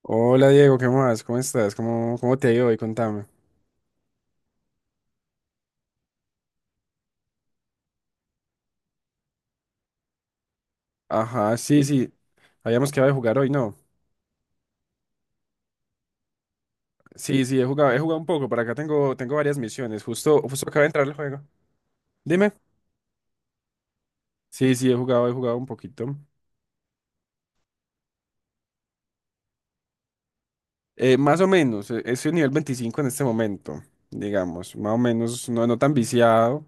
Hola Diego, ¿qué más? ¿Cómo estás? ¿Cómo te ha ido hoy? Contame. Ajá, sí, sí. Habíamos quedado de jugar hoy, ¿no? Sí, sí, he jugado un poco. Por acá tengo varias misiones. Justo acaba de entrar el juego. Dime. Sí, sí, he jugado un poquito. Más o menos, estoy en nivel 25 en este momento, digamos. Más o menos, no, no tan viciado.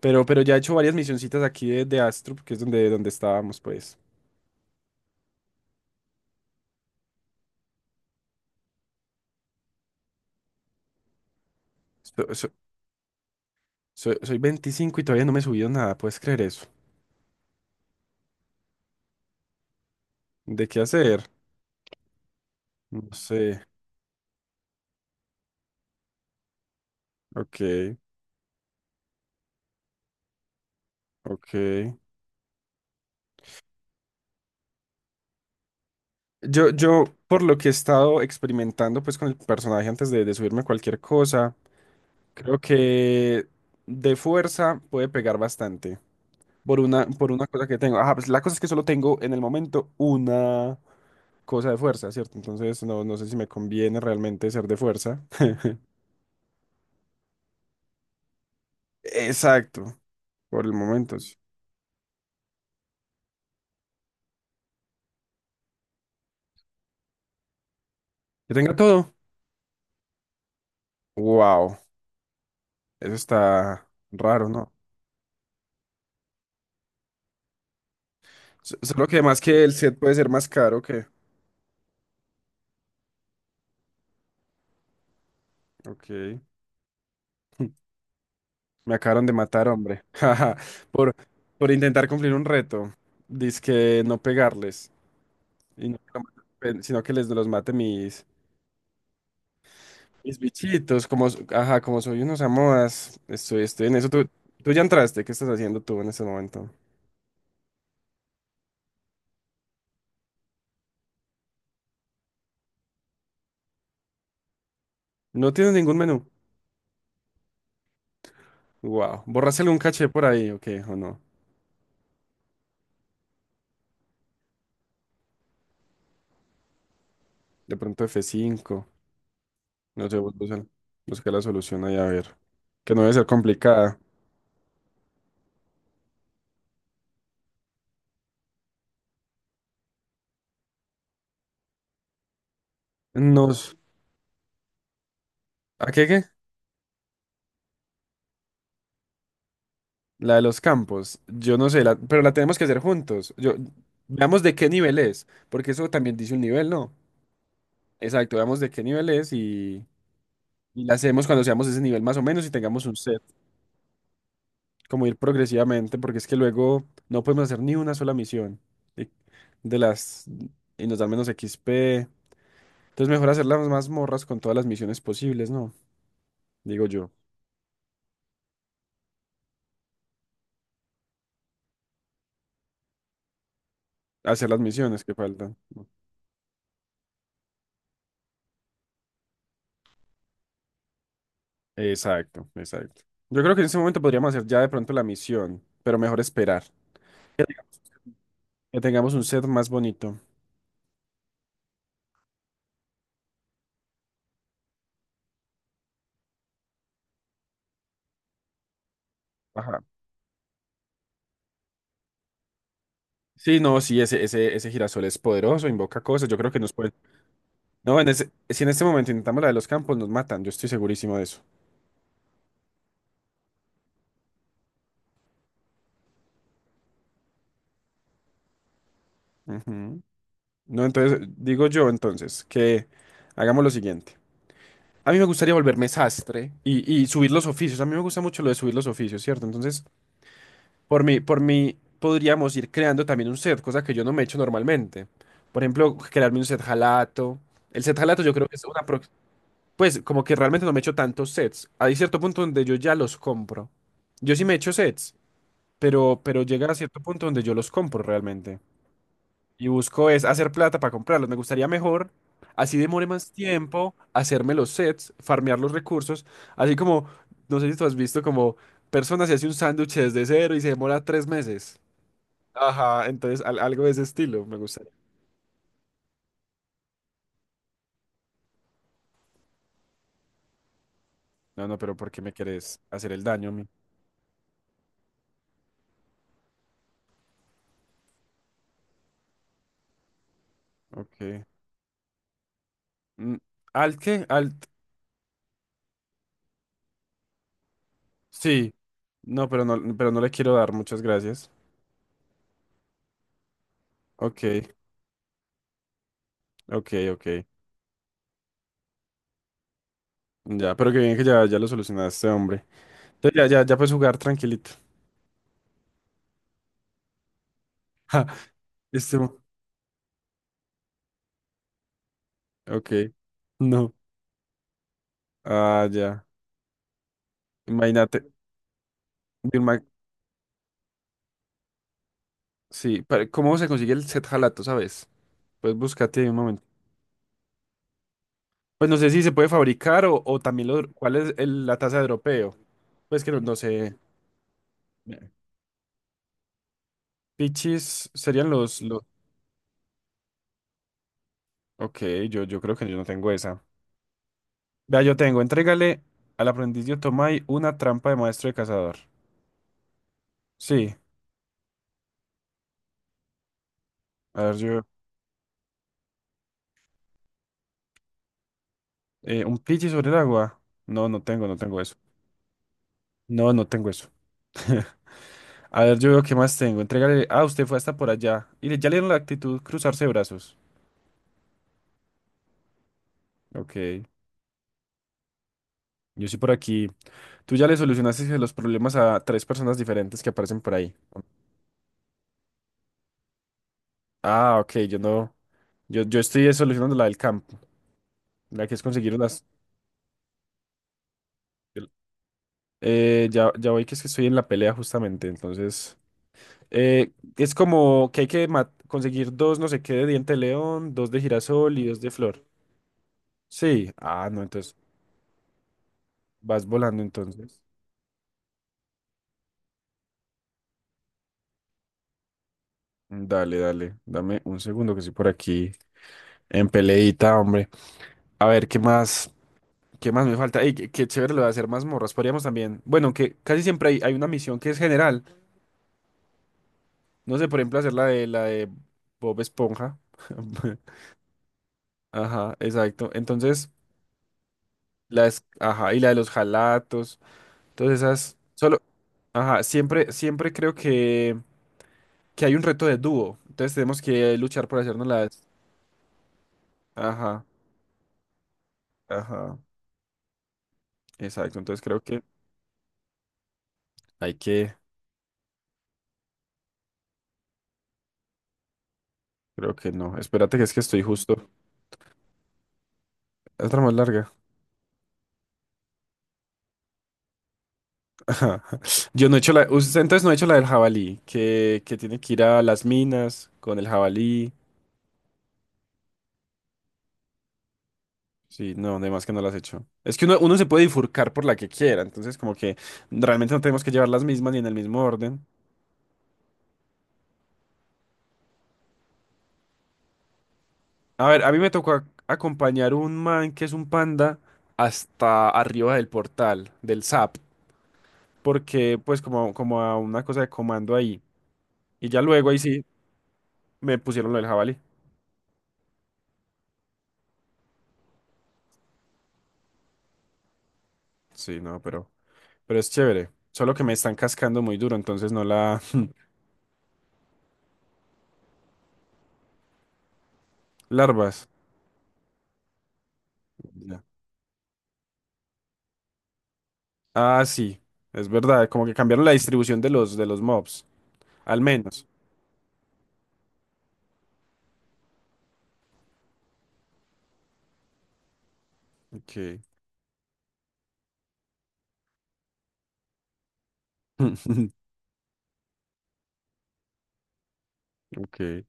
Pero ya he hecho varias misioncitas aquí de Astrup, que es donde estábamos, pues. So- so- soy 25 y todavía no me he subido nada, ¿puedes creer eso? ¿De qué hacer? No sé. Ok, ok. Yo, por lo que he estado experimentando pues con el personaje antes de subirme a cualquier cosa, creo que de fuerza puede pegar bastante. Por una cosa que tengo. Ah, pues la cosa es que solo tengo en el momento una cosa de fuerza, ¿cierto? Entonces no, no sé si me conviene realmente ser de fuerza. Exacto, por el momento, sí. Que tenga todo. Wow, eso está raro, ¿no? Solo que además que el set puede ser más caro que... Ok. Me acabaron de matar, hombre. Jaja. Por, por intentar cumplir un reto. Dizque no pegarles. Y no que lo maten, sino que les los mate mis bichitos. Como, ajá, como soy unos amoas. Estoy en eso. Tú ya entraste. ¿Qué estás haciendo tú en este momento? No tienes ningún menú. Wow. ¿Borraste algún caché por ahí? Ok, o no. De pronto F5. No sé, busca la solución ahí a ver. Que no debe ser complicada. Nos. ¿A qué? La de los campos, yo no sé, pero la tenemos que hacer juntos. Yo, veamos de qué nivel es, porque eso también dice un nivel, ¿no? Exacto, veamos de qué nivel es y la hacemos cuando seamos ese nivel más o menos y tengamos un set, como ir progresivamente, porque es que luego no podemos hacer ni una sola misión de, de las y nos dan menos XP. Entonces mejor hacer las mazmorras con todas las misiones posibles, ¿no? Digo yo, hacer las misiones que faltan. Exacto, exacto. Yo creo que en este momento podríamos hacer ya de pronto la misión, pero mejor esperar. Que tengamos un set más bonito. Ajá. Sí, no, sí, ese girasol es poderoso, invoca cosas. Yo creo que nos pueden. No, si en este momento intentamos la de los campos, nos matan. Yo estoy segurísimo de eso. Ujú. No, entonces, digo yo entonces que hagamos lo siguiente. A mí me gustaría volverme sastre y subir los oficios. A mí me gusta mucho lo de subir los oficios, ¿cierto? Entonces, por mí podríamos ir creando también un set, cosa que yo no me echo normalmente. Por ejemplo, crearme un set jalato. El set jalato yo creo que es una. Pues como que realmente no me echo tantos sets. Hay cierto punto donde yo ya los compro. Yo sí me echo sets, pero llega a cierto punto donde yo los compro realmente. Y busco es hacer plata para comprarlos. Me gustaría mejor, así demore más tiempo, hacerme los sets, farmear los recursos. Así como, no sé si tú has visto como personas se hace un sándwich desde cero y se demora 3 meses. Ajá, entonces algo de ese estilo me gustaría. No, no, pero ¿por qué me querés hacer el daño a mí? Ok. Mm, ¿Al qué? ¿Al Sí, no, pero no, pero no le quiero dar, muchas gracias. Ok, ok, ok. Ya, pero qué bien que ya lo solucionaste, hombre. Entonces ya, ya, ya puedes jugar tranquilito. este, ok. No. Ah, ya. Imagínate. Vilma, sí, pero ¿cómo se consigue el set jalato, sabes? Pues búscate ahí un momento. Pues no sé si se puede fabricar o también lo, cuál es la tasa de dropeo. Pues que no, no sé. Pichis serían los. Ok, yo creo que yo no tengo esa. Vea, yo tengo, entrégale al aprendiz de Otomai una trampa de maestro de cazador. Sí, a ver, yo. ¿Un pichi sobre el agua? No, no tengo eso. No, no tengo eso. A ver, yo veo qué más tengo. Entrégale. Ah, usted fue hasta por allá. Y le, ya le dieron la actitud cruzarse de brazos. Ok. Yo sí por aquí. Tú ya le solucionaste los problemas a tres personas diferentes que aparecen por ahí. Ah, ok, yo no. Yo estoy solucionando la del campo. La que es conseguir unas. el- ya voy que es que estoy en la pelea justamente, entonces. Eh, es como que hay que conseguir dos, no sé qué, de diente de león, dos de girasol y dos de flor. Sí, ah, no, entonces vas volando entonces. Mm, dale, dale, dame un segundo que estoy por aquí en peleita, hombre. A ver, ¿qué más? ¿Qué más me falta? Ey, qué chévere lo de hacer mazmorras. Podríamos también, bueno, que casi siempre hay una misión que es general. No sé, por ejemplo, hacer la de Bob Esponja. Ajá, exacto. Entonces, las, ajá, y la de los jalatos. Entonces esas solo, ajá, siempre creo que hay un reto de dúo. Entonces tenemos que luchar por hacernos las, ajá, ajá, exacto. Entonces creo que hay que, creo que no. Espérate que es que estoy justo. Otra más larga. Ajá. Yo no he hecho la, usted entonces no he hecho la del jabalí, que tiene que ir a las minas con el jabalí. Sí, no, además que no las he hecho. Es que uno se puede bifurcar por la que quiera, entonces como que realmente no tenemos que llevar las mismas ni en el mismo orden. A ver, a mí me tocó acompañar un man que es un panda hasta arriba del portal, del SAP, porque pues como a una cosa de comando ahí. Y ya luego ahí sí me pusieron lo del jabalí. Sí, no, pero es chévere. Solo que me están cascando muy duro, entonces no la larvas. Ya. Ah, sí, es verdad, como que cambiaron la distribución de los mobs, al menos. Ok. Ok.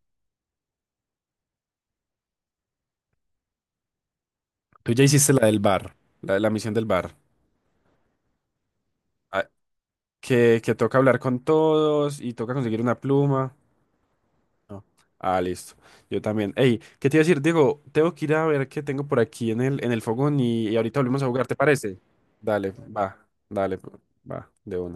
Tú ya hiciste la del bar, la misión del bar. Ah, que toca hablar con todos y toca conseguir una pluma. No. Ah, listo. Yo también. Ey, ¿qué te iba a decir, Diego? Tengo que ir a ver qué tengo por aquí en el fogón y ahorita volvemos a jugar, ¿te parece? Dale, va, dale, pues, va, de una.